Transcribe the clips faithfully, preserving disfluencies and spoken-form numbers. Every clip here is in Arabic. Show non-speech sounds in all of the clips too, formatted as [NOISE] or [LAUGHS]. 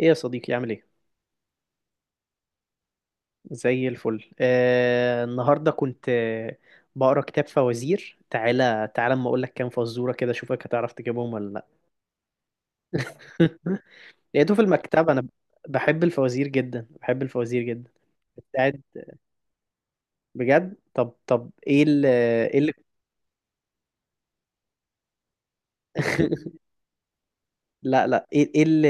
ايه يا صديقي، عامل ايه؟ زي الفل. آه النهارده كنت آه، بقرا كتاب فوازير. تعالى تعالى اما اقول لك كام فزوره كده، اشوفك هتعرف تجيبهم ولا لا؟ [LAUGHS] لقيته في المكتبه انا. بحب الفوازير جدا بحب الفوازير جدا. بتاعت. بجد. طب طب ايه ال ايه ال [LAUGHS] لا لا. ايه ايه ال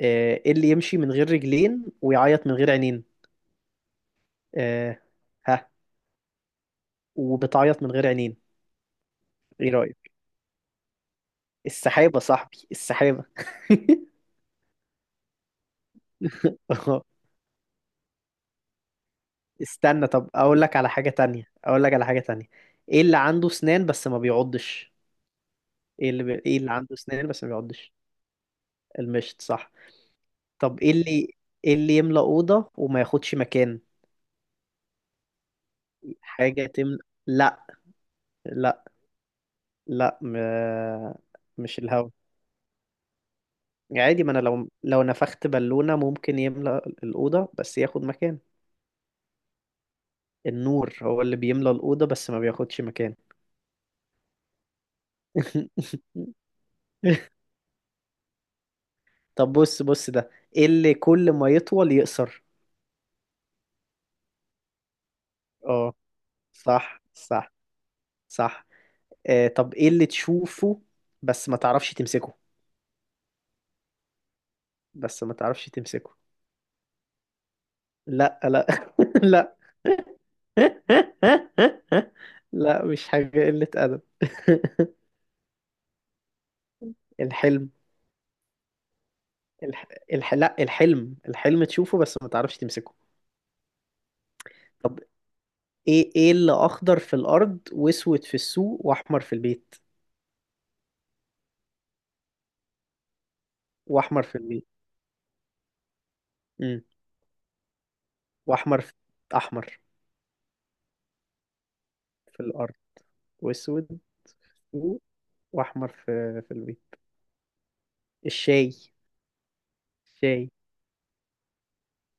آه، ايه اللي يمشي من غير رجلين ويعيط من غير عينين؟ آه. ها. وبتعيط من غير عينين. ايه رأيك؟ السحابة صاحبي، السحابة. [LAUGHS] [LAUGHS] استنى، طب اقول لك على حاجة تانية، اقول لك على حاجة تانية. ايه اللي عنده سنان بس ما بيعضش؟ ايه اللي بي... ايه اللي عنده سنان بس ما بيعضش؟ المشط صح. طب ايه اللي ايه اللي يملأ أوضة وما ياخدش مكان؟ حاجة تملأ. لا لا لا. م... مش الهوا. يعني عادي، ما انا لو لو نفخت بالونة ممكن يملأ الأوضة بس ياخد مكان. النور هو اللي بيملأ الأوضة بس ما بياخدش مكان. [LAUGHS] طب بص بص ده. إيه اللي كل ما يطول يقصر؟ اه صح صح صح. آه طب ايه اللي تشوفه بس ما تعرفش تمسكه؟ بس ما تعرفش تمسكه. لا لا. [LAUGHS] لا. [LAUGHS] لا مش حاجة قلة أدب. [LAUGHS] الحلم. الح... الح... لا الحلم الحلم تشوفه بس ما تعرفش تمسكه. طب ايه ايه اللي اخضر في الارض واسود في السوق واحمر في البيت واحمر في البيت. امم واحمر في... احمر في الارض واسود و- واحمر في في البيض. الشاي الشاي.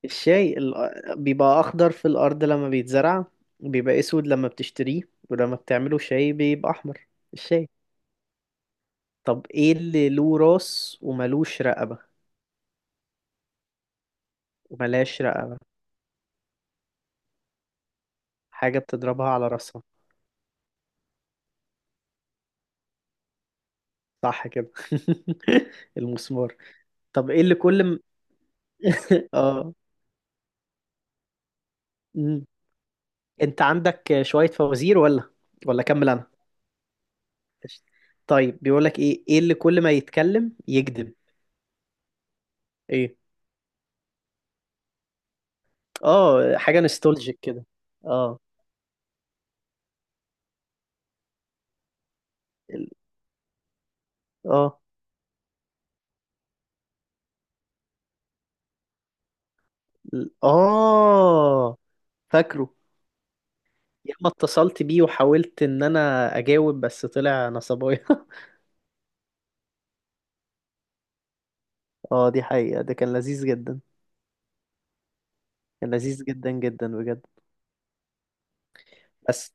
الشاي ال- بيبقى اخضر في الارض لما بيتزرع، بيبقى اسود لما بتشتريه، ولما بتعمله شاي بيبقى احمر. الشاي. طب ايه اللي له راس وملوش رقبة؟ وملهاش رقبة. حاجة بتضربها على راسها. صح كده. [LAUGHS] المسمار. طب ايه اللي كل م... [LAUGHS] اه. مم. انت عندك شوية فوازير ولا ولا كمل انا؟ قشطة. طيب بيقولك ايه، ايه اللي كل ما يتكلم يكذب؟ ايه. اه حاجة نوستالجيك كده. اه ال- اه ال- اه فاكره. ياما اتصلت بيه وحاولت ان انا اجاوب بس طلع نصبايا. [LAUGHS] اه دي حقيقة، ده كان لذيذ جدا. كان لذيذ جدا جدا بجد. بس.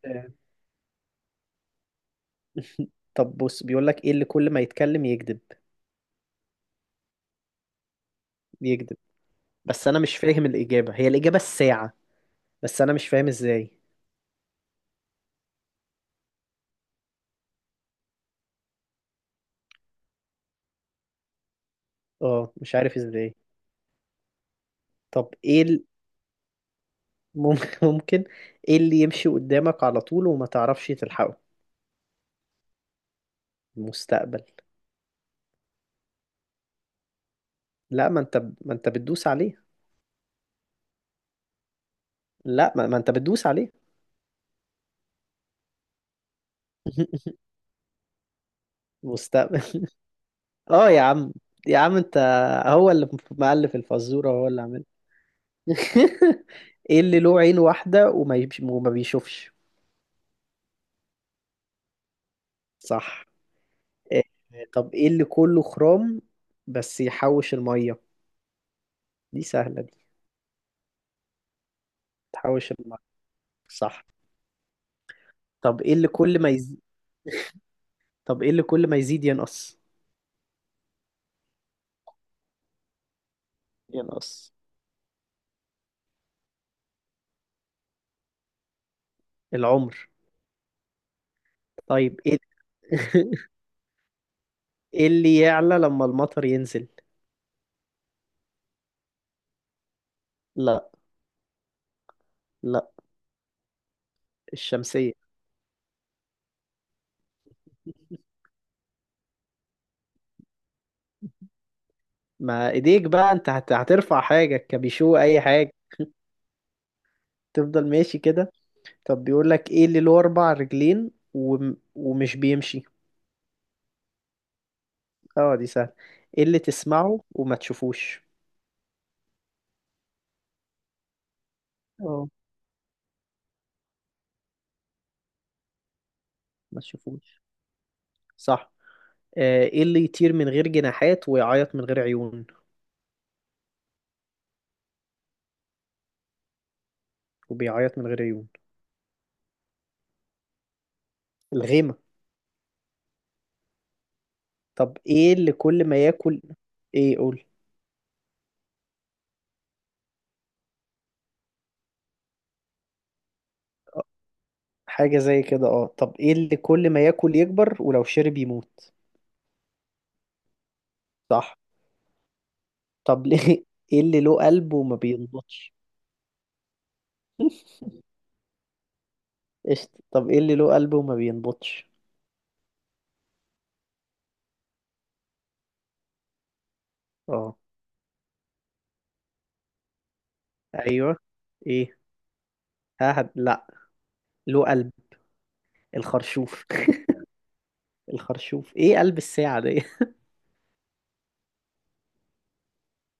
[LAUGHS] طب بص، بيقول لك ايه اللي كل ما يتكلم يكذب؟ يكذب. بس انا مش فاهم، الاجابة هي الاجابة الساعة. بس انا مش فاهم ازاي. اه مش عارف ازاي. طب ايه ال- مم- [LAUGHS] ممكن. ايه اللي يمشي قدامك على طول وما تعرفش تلحقه؟ مستقبل. لا ما انت ما انت بتدوس عليه. لا ما, ما انت بتدوس عليه. [LAUGHS] مستقبل. اه يا عم يا عم انت، هو اللي مألف الفزورة هو اللي عامل. [LAUGHS] ايه اللي له عين واحدة وما يبش- وما بيشوفش؟ صح. إيه. طب ايه اللي كله خرام بس يحوش المية؟ دي سهلة دي. تحوش المية. صح. طب ايه اللي كل ما يزيد طب ايه اللي كل ما يزيد ينقص؟ ينقص. العمر. طيب ايه. [LAUGHS] ايه اللي يعلى لما المطر ينزل؟ لا لا. الشمسية. ما ايديك بقى، انت هت- هترفع حاجة كبيشو اي حاجة. تفضل ماشي كده. طب بيقول لك ايه اللي له اربع رجلين وم... ومش بيمشي؟ اه دي سهلة. ايه اللي تسمعه وما تشوفوش؟ اه ما تشوفوش صح. آه، ايه اللي يطير من غير جناحات ويعيط من غير عيون؟ وبيعيط من غير عيون. الغيمة. طب ايه اللي كل ما ياكل ايه قول. آه، حاجة زي كده. اه طب ايه اللي كل ما ياكل يكبر ولو شرب يموت؟ صح. طب ليه. [LAUGHS] ايه اللي له قلب وما بينبضش؟ [LAUGHS] قشطة. طب ايه اللي له قلب وما بينبضش؟ اه. ايوه. ايه. ها هد... لا. له قلب. الخرشوف. [LAUGHS] الخرشوف، ايه قلب الساعة دي؟ [LAUGHS]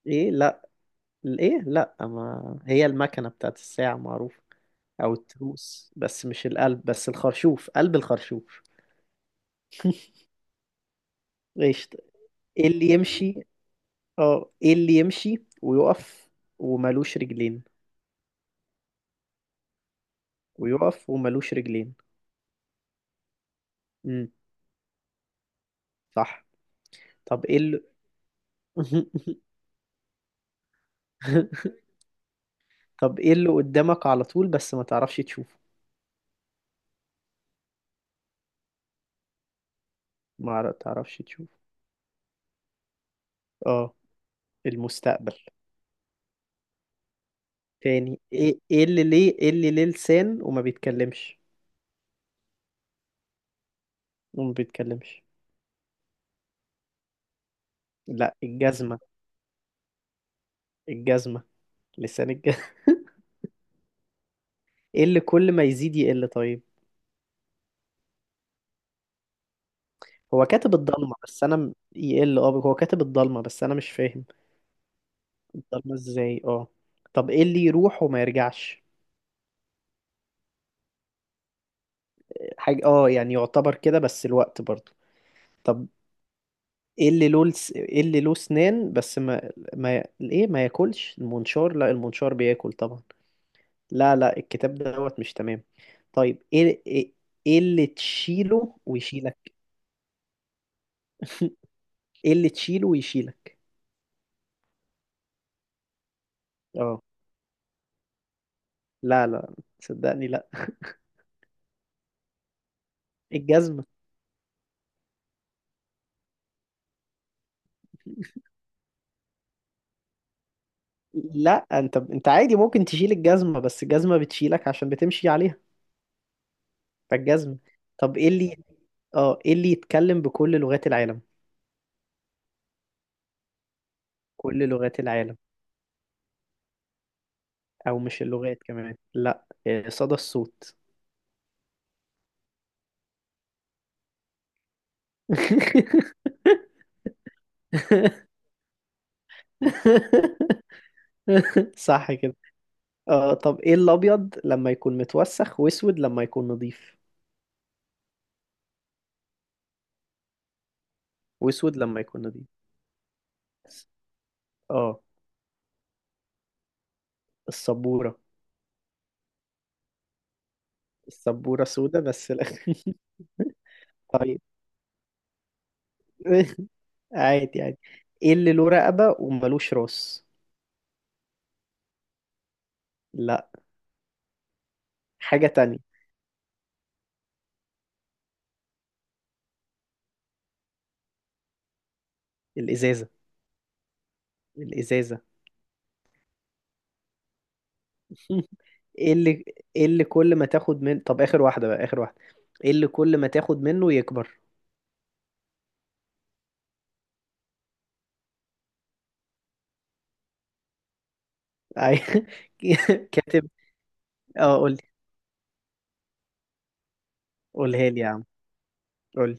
ايه لا. ايه لا. ما هي المكنة بتاعت الساعة معروفة، او التروس، بس مش القلب. بس الخرشوف قلب الخرشوف. [LAUGHS] قشطة. ايه اللي يمشي اه ايه اللي يمشي ويقف وملوش رجلين؟ ويقف وملوش رجلين. امم. صح. طب ايه اللي [LAUGHS] طب ايه اللي قدامك على طول بس ما تعرفش تشوفه؟ ما عر- تعرفش تشوفه. اه. المستقبل. تاني ايه ايه اللي ليه ايه اللي ليه لسان وما بيتكلمش؟ وما بيتكلمش. لا، الجزمة. الجزمة لسان الجزمة. [LAUGHS] ايه اللي كل ما يزيد يقل طيب؟ هو كاتب الضلمة بس انا م- يقل اه هو كاتب الضلمة بس انا مش فاهم. الضلمة ازاي؟ اه. طب ايه اللي يروح وما يرجعش؟ حاجة اه يعني، يعتبر كده بس الوقت برضو. طب ايه اللي له لس- ايه اللي له اسنان بس ما ما ايه ما ياكلش؟ المنشار. لا المنشار بياكل طبعا. لا لا. الكتاب دوت مش تمام. طيب ايه ايه إيه اللي تشيله ويشيلك؟ ايه اللي تشيله ويشيلك؟ اه. لا لا صدقني لا. الجزمة. لا انت انت عادي ممكن تشيل الجزمة بس الجزمة بتشيلك عشان بتمشي عليها. فالجزمة. طب ايه اللي اه ايه اللي يتكلم بكل لغات العالم؟ كل لغات العالم. او مش اللغات كمان، لا. آه، صدى الصوت. [LAUGHS] صح كده. اه طب ايه الابيض لما يكون متوسخ واسود لما يكون نظيف؟ واسود لما يكون نظيف. اه. السبورة. السبورة سودة بس لا. [LAUGHS] طيب. [LAUGHS] عادي عادي. ايه اللي له رقبة وملوش راس؟ لا. حاجة تانية. الازازة الازازة. [LAUGHS] ايه اللي ايه اللي كل ما تاخد من طب اخر واحدة بقى اخر واحدة، ايه اللي كل ما تاخد منه يكبر؟ [LAUGHS] عاي- كاتب. اه قول لي، قولها لي يا عم، قول لي.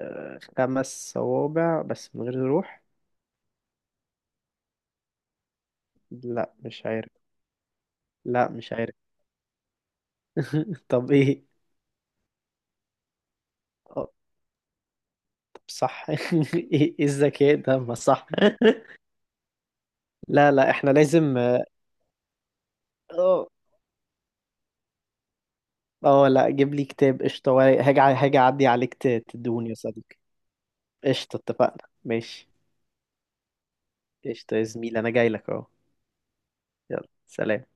آه، خمس صوابع بس من غير روح؟ لا مش عارف. لا مش عارف. [LAUGHS] طب ايه آه، طب صح. [LAUGHS] ايه إيه الذكاء ده، ما صح. [LAUGHS] لا لا احنا لازم. اه اه لا، جيب لي كتاب قشطة ورايق. هاجي ع- هاجي اعدي عليك، ت- تدوني يا صديقي. قشطة اتفقنا ماشي. قشطة يا زميلي، انا جاي لك اهو. يلا سلام.